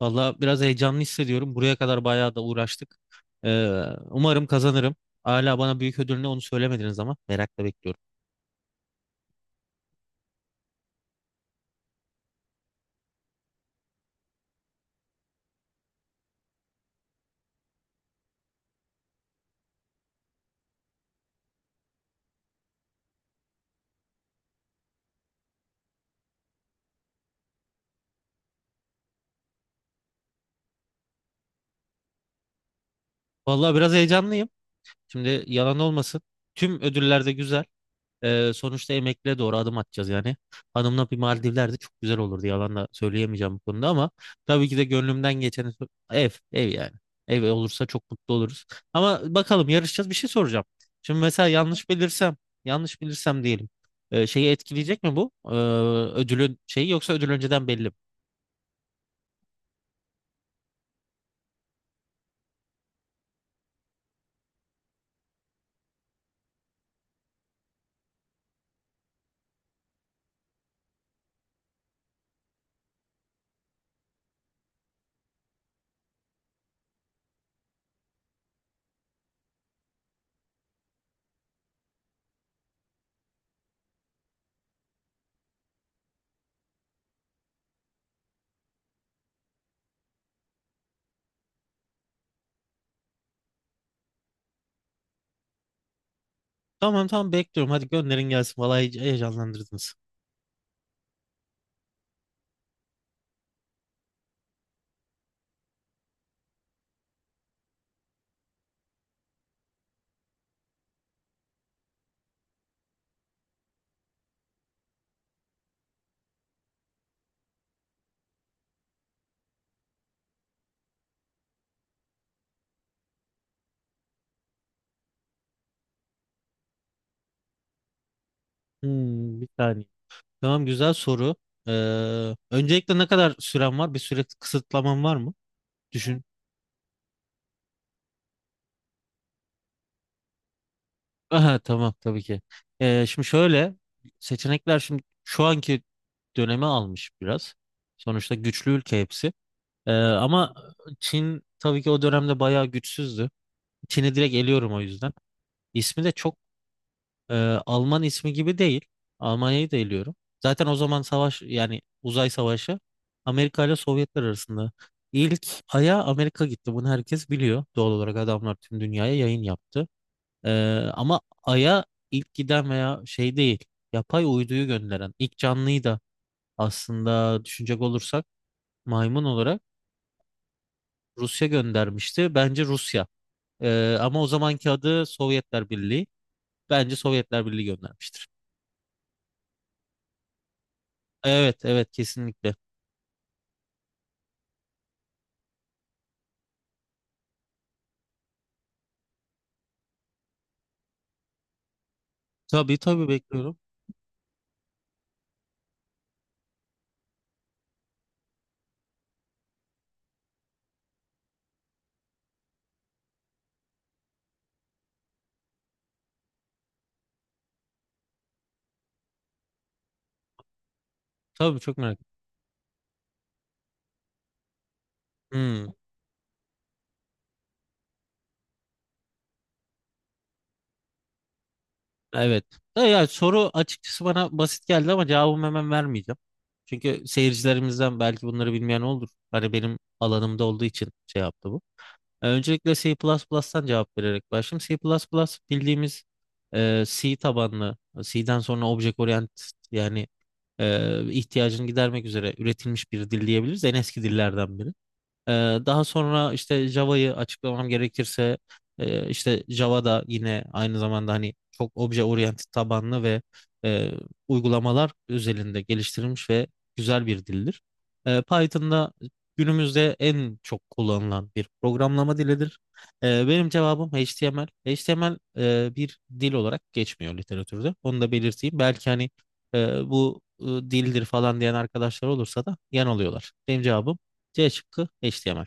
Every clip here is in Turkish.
Valla biraz heyecanlı hissediyorum. Buraya kadar bayağı da uğraştık. Ee, umarım kazanırım. Hala bana büyük ödül ne onu söylemediniz ama merakla bekliyorum. Valla biraz heyecanlıyım. Şimdi yalan olmasın. Tüm ödüller de güzel. Sonuçta emekliye doğru adım atacağız yani. Hanımla bir Maldivler de çok güzel olurdu. Yalan da söyleyemeyeceğim bu konuda ama tabii ki de gönlümden geçen ev, ev yani. Ev olursa çok mutlu oluruz. Ama bakalım yarışacağız bir şey soracağım. Şimdi mesela yanlış bilirsem, yanlış bilirsem diyelim. Şeyi etkileyecek mi bu? Ödülün şeyi yoksa ödül önceden belli mi? Tamam tamam bekliyorum. Hadi gönderin gelsin. Vallahi heyecanlandırdınız. Bir saniye. Tamam güzel soru. Öncelikle ne kadar süren var? Bir süre kısıtlaman var mı? Düşün. Aha tamam tabii ki. Şimdi şöyle seçenekler şimdi şu anki dönemi almış biraz. Sonuçta güçlü ülke hepsi. Ama Çin tabii ki o dönemde bayağı güçsüzdü. Çin'i direkt eliyorum o yüzden. İsmi de çok e, Alman ismi gibi değil. Almanya'yı da eliyorum. Zaten o zaman savaş yani uzay savaşı Amerika ile Sovyetler arasında. İlk aya Amerika gitti. Bunu herkes biliyor. Doğal olarak adamlar tüm dünyaya yayın yaptı. Ee, ama Ay'a ilk giden veya şey değil, yapay uyduyu gönderen ilk canlıyı da aslında düşünecek olursak maymun olarak Rusya göndermişti. Bence Rusya. Ama o zamanki adı Sovyetler Birliği. Bence Sovyetler Birliği göndermiştir. Evet, evet kesinlikle. Tabii tabii bekliyorum. Tabii çok merak ettim. Hmm, evet. Ya, ya, soru açıkçası bana basit geldi ama cevabımı hemen vermeyeceğim. Çünkü seyircilerimizden belki bunları bilmeyen olur. Hani benim alanımda olduğu için şey yaptı bu. Öncelikle C++'tan cevap vererek başlayayım. C++ bildiğimiz C tabanlı, C'den sonra object orient yani ihtiyacını gidermek üzere üretilmiş bir dil diyebiliriz. En eski dillerden biri. Ee, Daha sonra işte Java'yı açıklamam gerekirse işte Java da yine aynı zamanda hani çok obje oriented tabanlı ve e, uygulamalar özelinde geliştirilmiş ve güzel bir dildir. Python'da günümüzde en çok kullanılan bir programlama dilidir. Benim cevabım HTML. HTML bir dil olarak geçmiyor literatürde. Onu da belirteyim. Belki hani bu dildir falan diyen arkadaşlar olursa da yanılıyorlar. Benim cevabım C şıkkı HTML.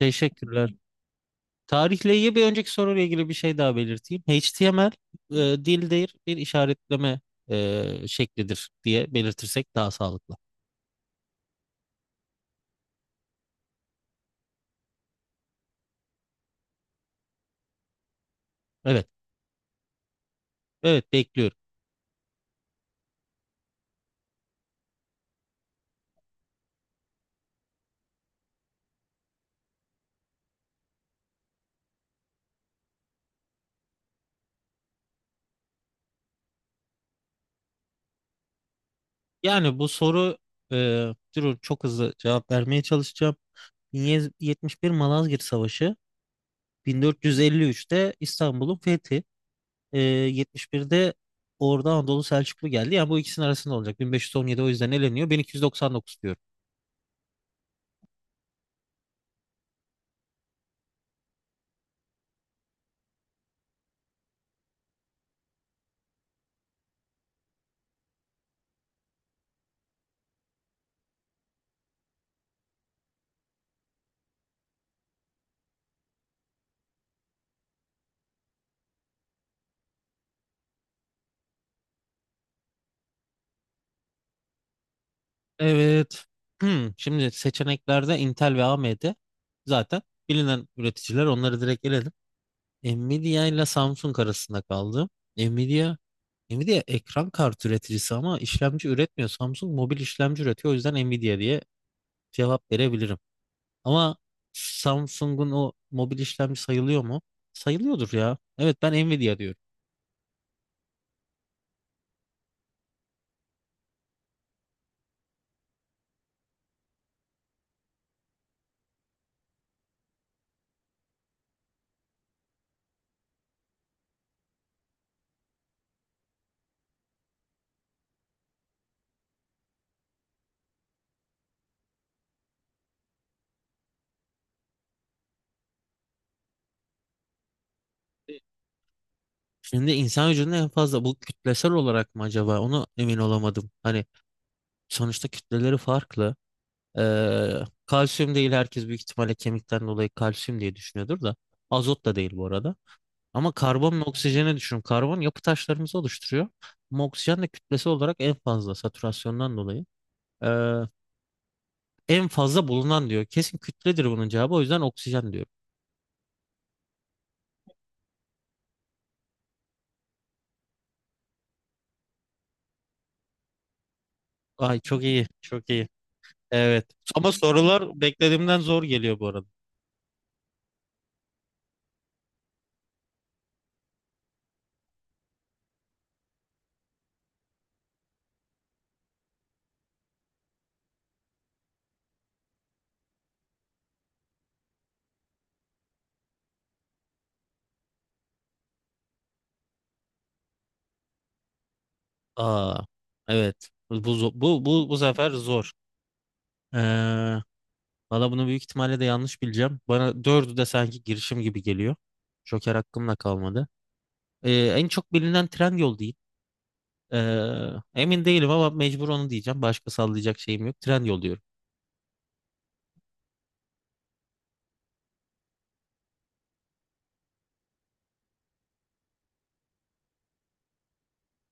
Teşekkürler. Tarihle ilgili bir önceki soruyla ilgili bir şey daha belirteyim. HTML dildir bir işaretleme şeklidir diye belirtirsek daha sağlıklı. Evet, evet bekliyorum. Yani bu soru e, durun çok hızlı cevap vermeye çalışacağım. 1071 Malazgirt Savaşı, 1453'te İstanbul'un fethi, e, 71'de Ordu Anadolu Selçuklu geldi. Yani bu ikisinin arasında olacak. 1517 o yüzden eleniyor. 1299 diyorum. Evet. Şimdi seçeneklerde Intel ve AMD zaten bilinen üreticiler onları direkt eledim. Nvidia ile Samsung arasında kaldı. Nvidia Nvidia ekran kartı üreticisi ama işlemci üretmiyor. Samsung mobil işlemci üretiyor. O yüzden Nvidia diye cevap verebilirim. Ama Samsung'un o mobil işlemci sayılıyor mu? Sayılıyordur ya. Evet ben Nvidia diyorum. Şimdi insan vücudunda en fazla bu kütlesel olarak mı acaba? Onu emin olamadım. Hani sonuçta kütleleri farklı. Ee, kalsiyum değil, herkes büyük ihtimalle kemikten dolayı kalsiyum diye düşünüyordur da. Azot da değil bu arada. Ama karbon ve oksijeni düşünün. Karbon yapı taşlarımızı oluşturuyor. Ama oksijen de kütlesi olarak en fazla satürasyondan dolayı. Ee, en fazla bulunan diyor. Kesin kütledir bunun cevabı. O yüzden oksijen diyorum. Ay çok iyi. Çok iyi. Evet. Ama sorular beklediğimden zor geliyor bu arada. Aa, evet. Bu sefer zor. Ee, Valla bunu büyük ihtimalle de yanlış bileceğim. Bana dördü de sanki girişim gibi geliyor. Joker hakkımda kalmadı. Ee, en çok bilinen Trendyol değil. Ee, emin değilim ama mecbur onu diyeceğim. Başka sallayacak şeyim yok. Trendyol diyorum.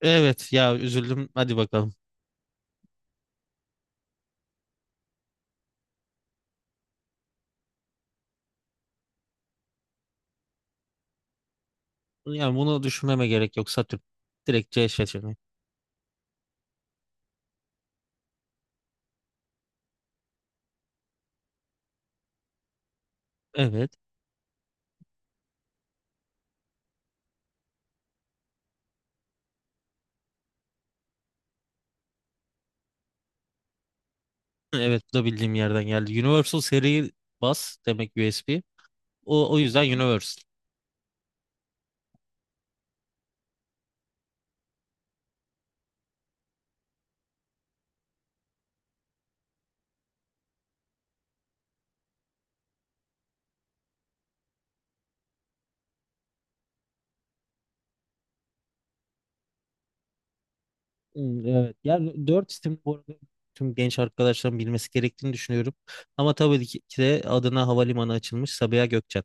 Evet ya, üzüldüm. Hadi bakalım. Yani bunu düşünmeme gerek yok. Satürn. Direkt C seçeneği. Evet. Evet bu da bildiğim yerden geldi. Universal seri bas demek USB. O yüzden Universal. Hmm, evet. Yani 4 isim bu arada tüm genç arkadaşların bilmesi gerektiğini düşünüyorum. Ama tabii ki de adına havalimanı açılmış Sabiha Gökçen.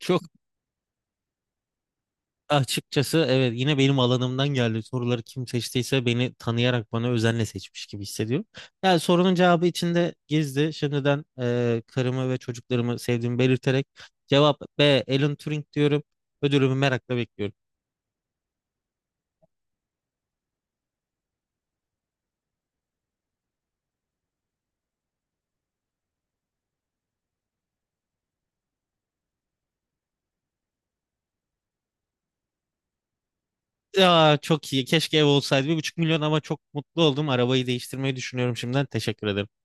Çok açıkçası evet yine benim alanımdan geldi. Soruları kim seçtiyse beni tanıyarak bana özenle seçmiş gibi hissediyorum. Yani sorunun cevabı içinde gizli. Şimdiden karımı ve çocuklarımı sevdiğimi belirterek cevap B. Alan Turing diyorum. Ödülümü merakla bekliyorum. Ya çok iyi. Keşke ev olsaydı. 1,5 milyon ama çok mutlu oldum. Arabayı değiştirmeyi düşünüyorum şimdiden. Teşekkür ederim.